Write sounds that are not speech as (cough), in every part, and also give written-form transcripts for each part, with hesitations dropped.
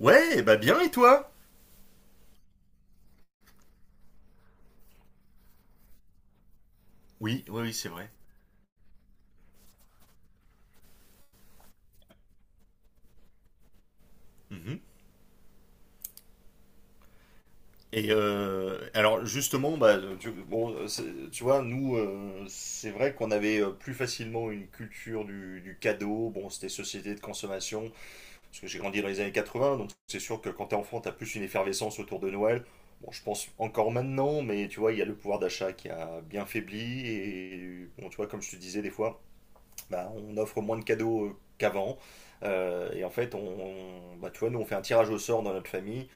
Ouais, bah bien et toi. Oui, oui, oui, c'est vrai. Mhm. Alors justement, bah, tu, bon, c'est- tu vois, nous, c'est vrai qu'on avait plus facilement une culture du cadeau. Bon, c'était société de consommation, parce que j'ai grandi dans les années 80, donc c'est sûr que quand t'es enfant, t'as plus une effervescence autour de Noël. Bon, je pense encore maintenant, mais tu vois, il y a le pouvoir d'achat qui a bien faibli. Et bon, tu vois, comme je te disais des fois, bah, on offre moins de cadeaux qu'avant. En fait, on fait un tirage au sort dans notre famille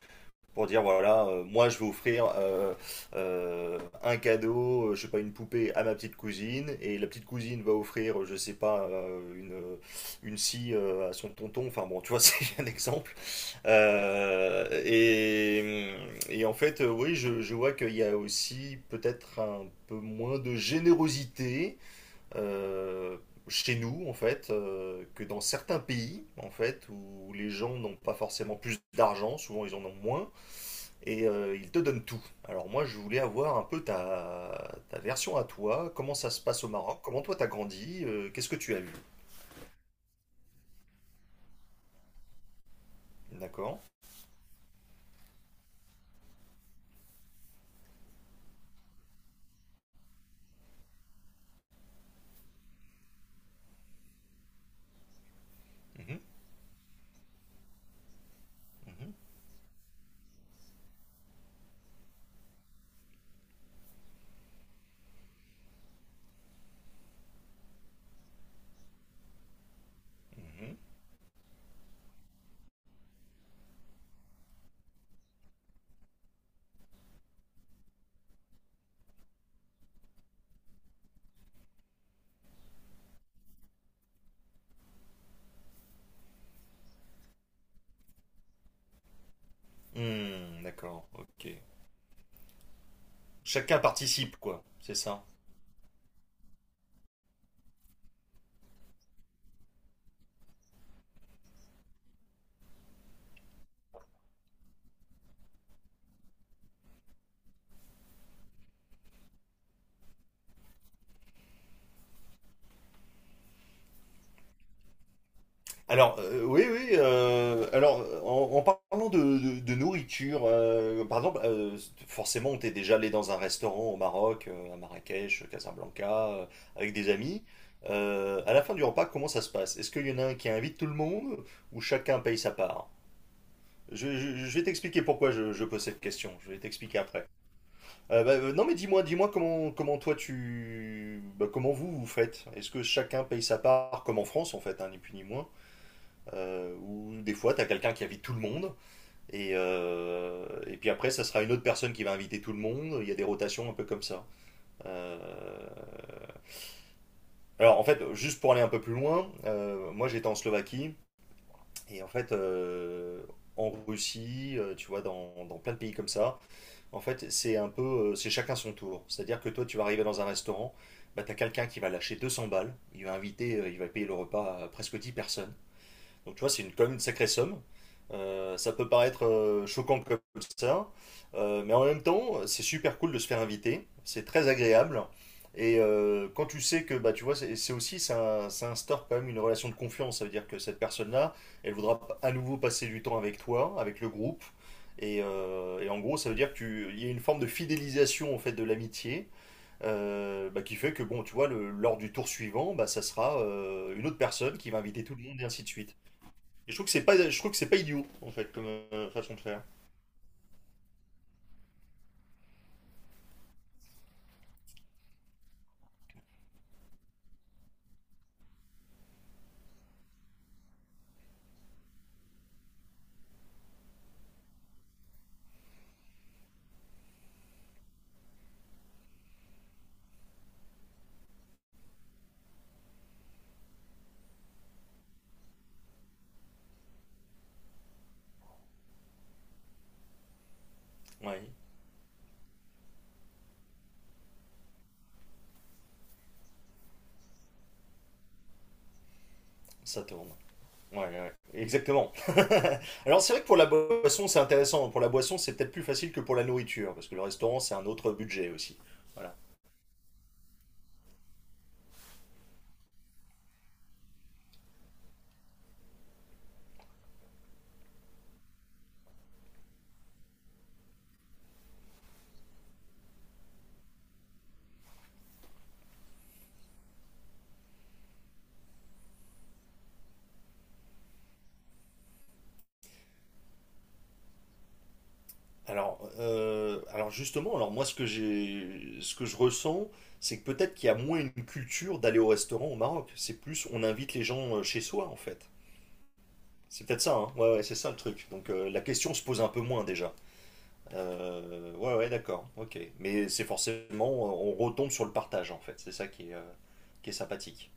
pour dire, voilà, moi, je vais offrir un cadeau, je sais pas, une poupée à ma petite cousine. Et la petite cousine va offrir, je sais pas, une scie à son tonton. Enfin bon, tu vois, (laughs) c'est un exemple. Euh, et, et en fait, oui, je vois qu'il y a aussi peut-être un peu moins de générosité euh, chez nous, en fait, que dans certains pays, en fait, où les gens n'ont pas forcément plus d'argent, souvent ils en ont moins, ils te donnent tout. Alors moi, je voulais avoir un peu ta version à toi, comment ça se passe au Maroc, comment toi t'as grandi, qu'est-ce que tu as vu, d'accord? Mhm, mhm, mhm. Hmm, d'accord, ok. Chacun participe, quoi, c'est ça. Alors, oui, oui. En parlant de nourriture, par exemple, forcément, on était déjà allé dans un restaurant au Maroc, à Marrakech, Casablanca, avec des amis. À la fin du repas, comment ça se passe? Est-ce qu'il y en a un qui invite tout le monde ou chacun paye sa part? Je vais t'expliquer pourquoi je pose cette question. Je vais t'expliquer après. Bah, non, mais dis-moi, Dis-moi comment toi tu, bah, comment vous vous faites? Est-ce que chacun paye sa part, comme en France en fait, hein, ni plus ni moins? Où des fois, tu as quelqu'un qui invite tout le monde, et puis après, ça sera une autre personne qui va inviter tout le monde. Il y a des rotations un peu comme ça. Euh, Alors, en fait, juste pour aller un peu plus loin, moi j'étais en Slovaquie, et en fait en Russie, tu vois, dans plein de pays comme ça, en fait, c'est un peu, c'est chacun son tour. C'est-à-dire que toi, tu vas arriver dans un restaurant, bah, tu as quelqu'un qui va lâcher 200 balles, il va inviter, il va payer le repas à presque 10 personnes. Donc tu vois, c'est une, quand même une sacrée somme. Ça peut paraître choquant comme ça, mais en même temps, c'est super cool de se faire inviter, c'est très agréable. Et quand tu sais que, bah, tu vois, c'est aussi, ça instaure quand même une relation de confiance. Ça veut dire que cette personne-là, elle voudra p- à nouveau passer du temps avec toi, avec le groupe. Et en gros, ça veut dire qu'il y a une forme de fidélisation en fait de l'amitié, bah, qui fait que, bon, tu vois, le- lors du tour suivant, bah, ça sera une autre personne qui va inviter tout le monde et ainsi de suite. Et je trouve que c'est pas, je trouve que c'est pas idiot, en fait, comme façon de faire. Ouais, ça tourne. Ouais, ouais, exactement. (laughs) Alors c'est vrai que pour la boisson, c'est intéressant. Pour la boisson, c'est peut-être plus facile que pour la nourriture, parce que le restaurant, c'est un autre budget aussi. Voilà. Alors justement, alors moi, ce que j'ai, ce que je ressens, c'est que peut-être qu'il y a moins une culture d'aller au restaurant au Maroc. C'est plus, on invite les gens chez soi, en fait. C'est peut-être ça, hein. Ouais, ouais, c'est ça le truc. Donc la question se pose un peu moins déjà. Ouais, ouais, d'accord, ok. Mais c'est forcément, on retombe sur le partage en fait, c'est ça qui est sympathique.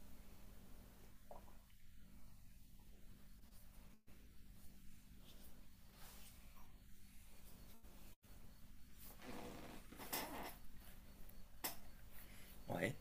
Ouais.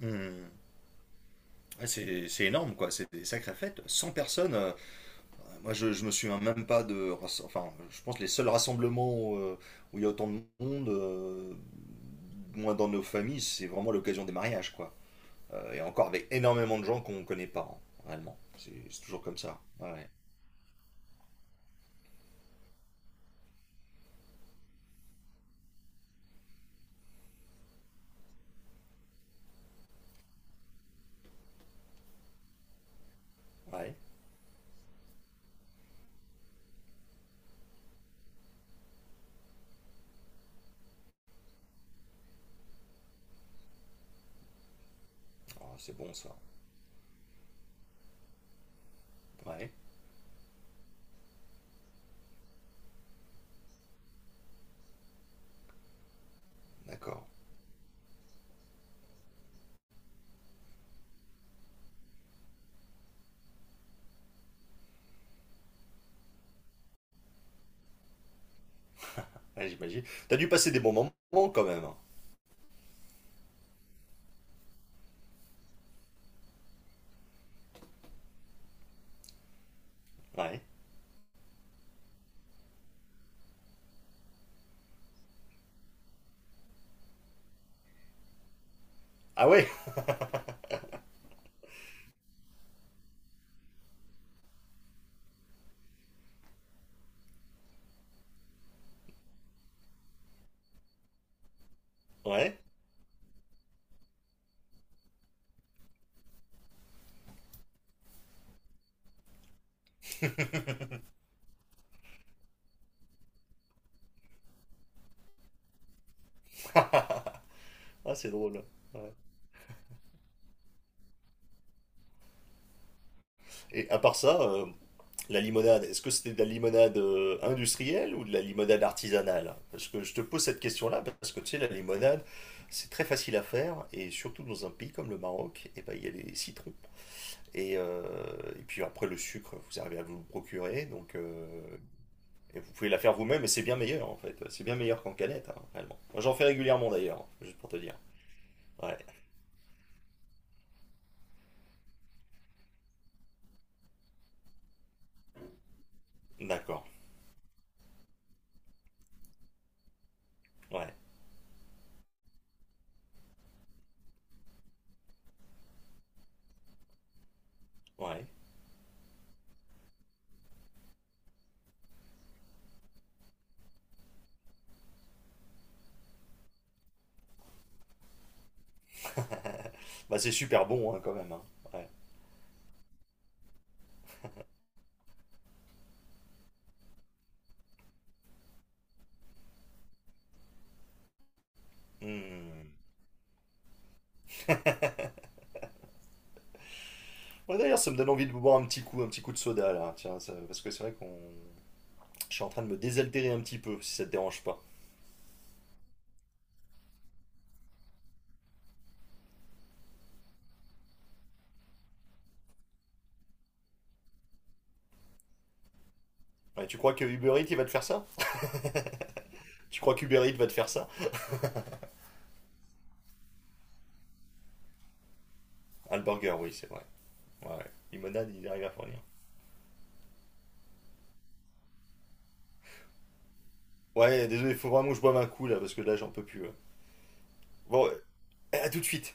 Hmm. Ouais, c'est énorme quoi, c'est des sacrées fêtes. 100 personnes, moi je me souviens même pas de. Enfin, je pense que les seuls rassemblements où il y a autant de monde, moins dans nos familles, c'est vraiment l'occasion des mariages quoi. Et encore avec énormément de gens qu'on connaît pas, hein, réellement. C'est toujours comme ça. Ouais, ouais. Ouais. Oh, c'est bon ça. Ouais, d'accord. Ouais, j'imagine. T'as dû passer des bons moments quand même, hein. Ouais. Ah ouais? Ouais. Ah, c'est drôle. Ouais. Et à part ça, la limonade, est-ce que c'était de la limonade industrielle ou de la limonade artisanale? Parce que je te pose cette question-là parce que tu sais, la limonade, c'est très facile à faire et surtout dans un pays comme le Maroc, et ben, il y a les citrons. Et, euh, et puis après, le sucre, vous arrivez à vous le procurer, donc vous pouvez la faire vous-même et c'est bien meilleur en fait. C'est bien meilleur qu'en canette, hein, réellement. Moi, j'en fais régulièrement d'ailleurs, juste pour te dire. Ouais. D'accord. Ouais. Ouais. Bah c'est super bon hein, quand même, hein. Ouais. Hmm. Ouais, d'ailleurs, ça me donne envie de boire un petit coup de soda là. Tiens, ça- parce que c'est vrai qu'on, je suis en train de me désaltérer un petit peu, si ça te dérange pas. Ouais, tu crois que Uber Eats il va te faire ça? Tu crois qu'Uber Eats va te faire ça? Ah, le burger, oui, c'est vrai. Ouais, ouais. Limonade, il arrive à fournir. Ouais, désolé, il faut vraiment que je boive un coup là, parce que là, j'en peux plus, ouais. Bon, euh, à tout de suite.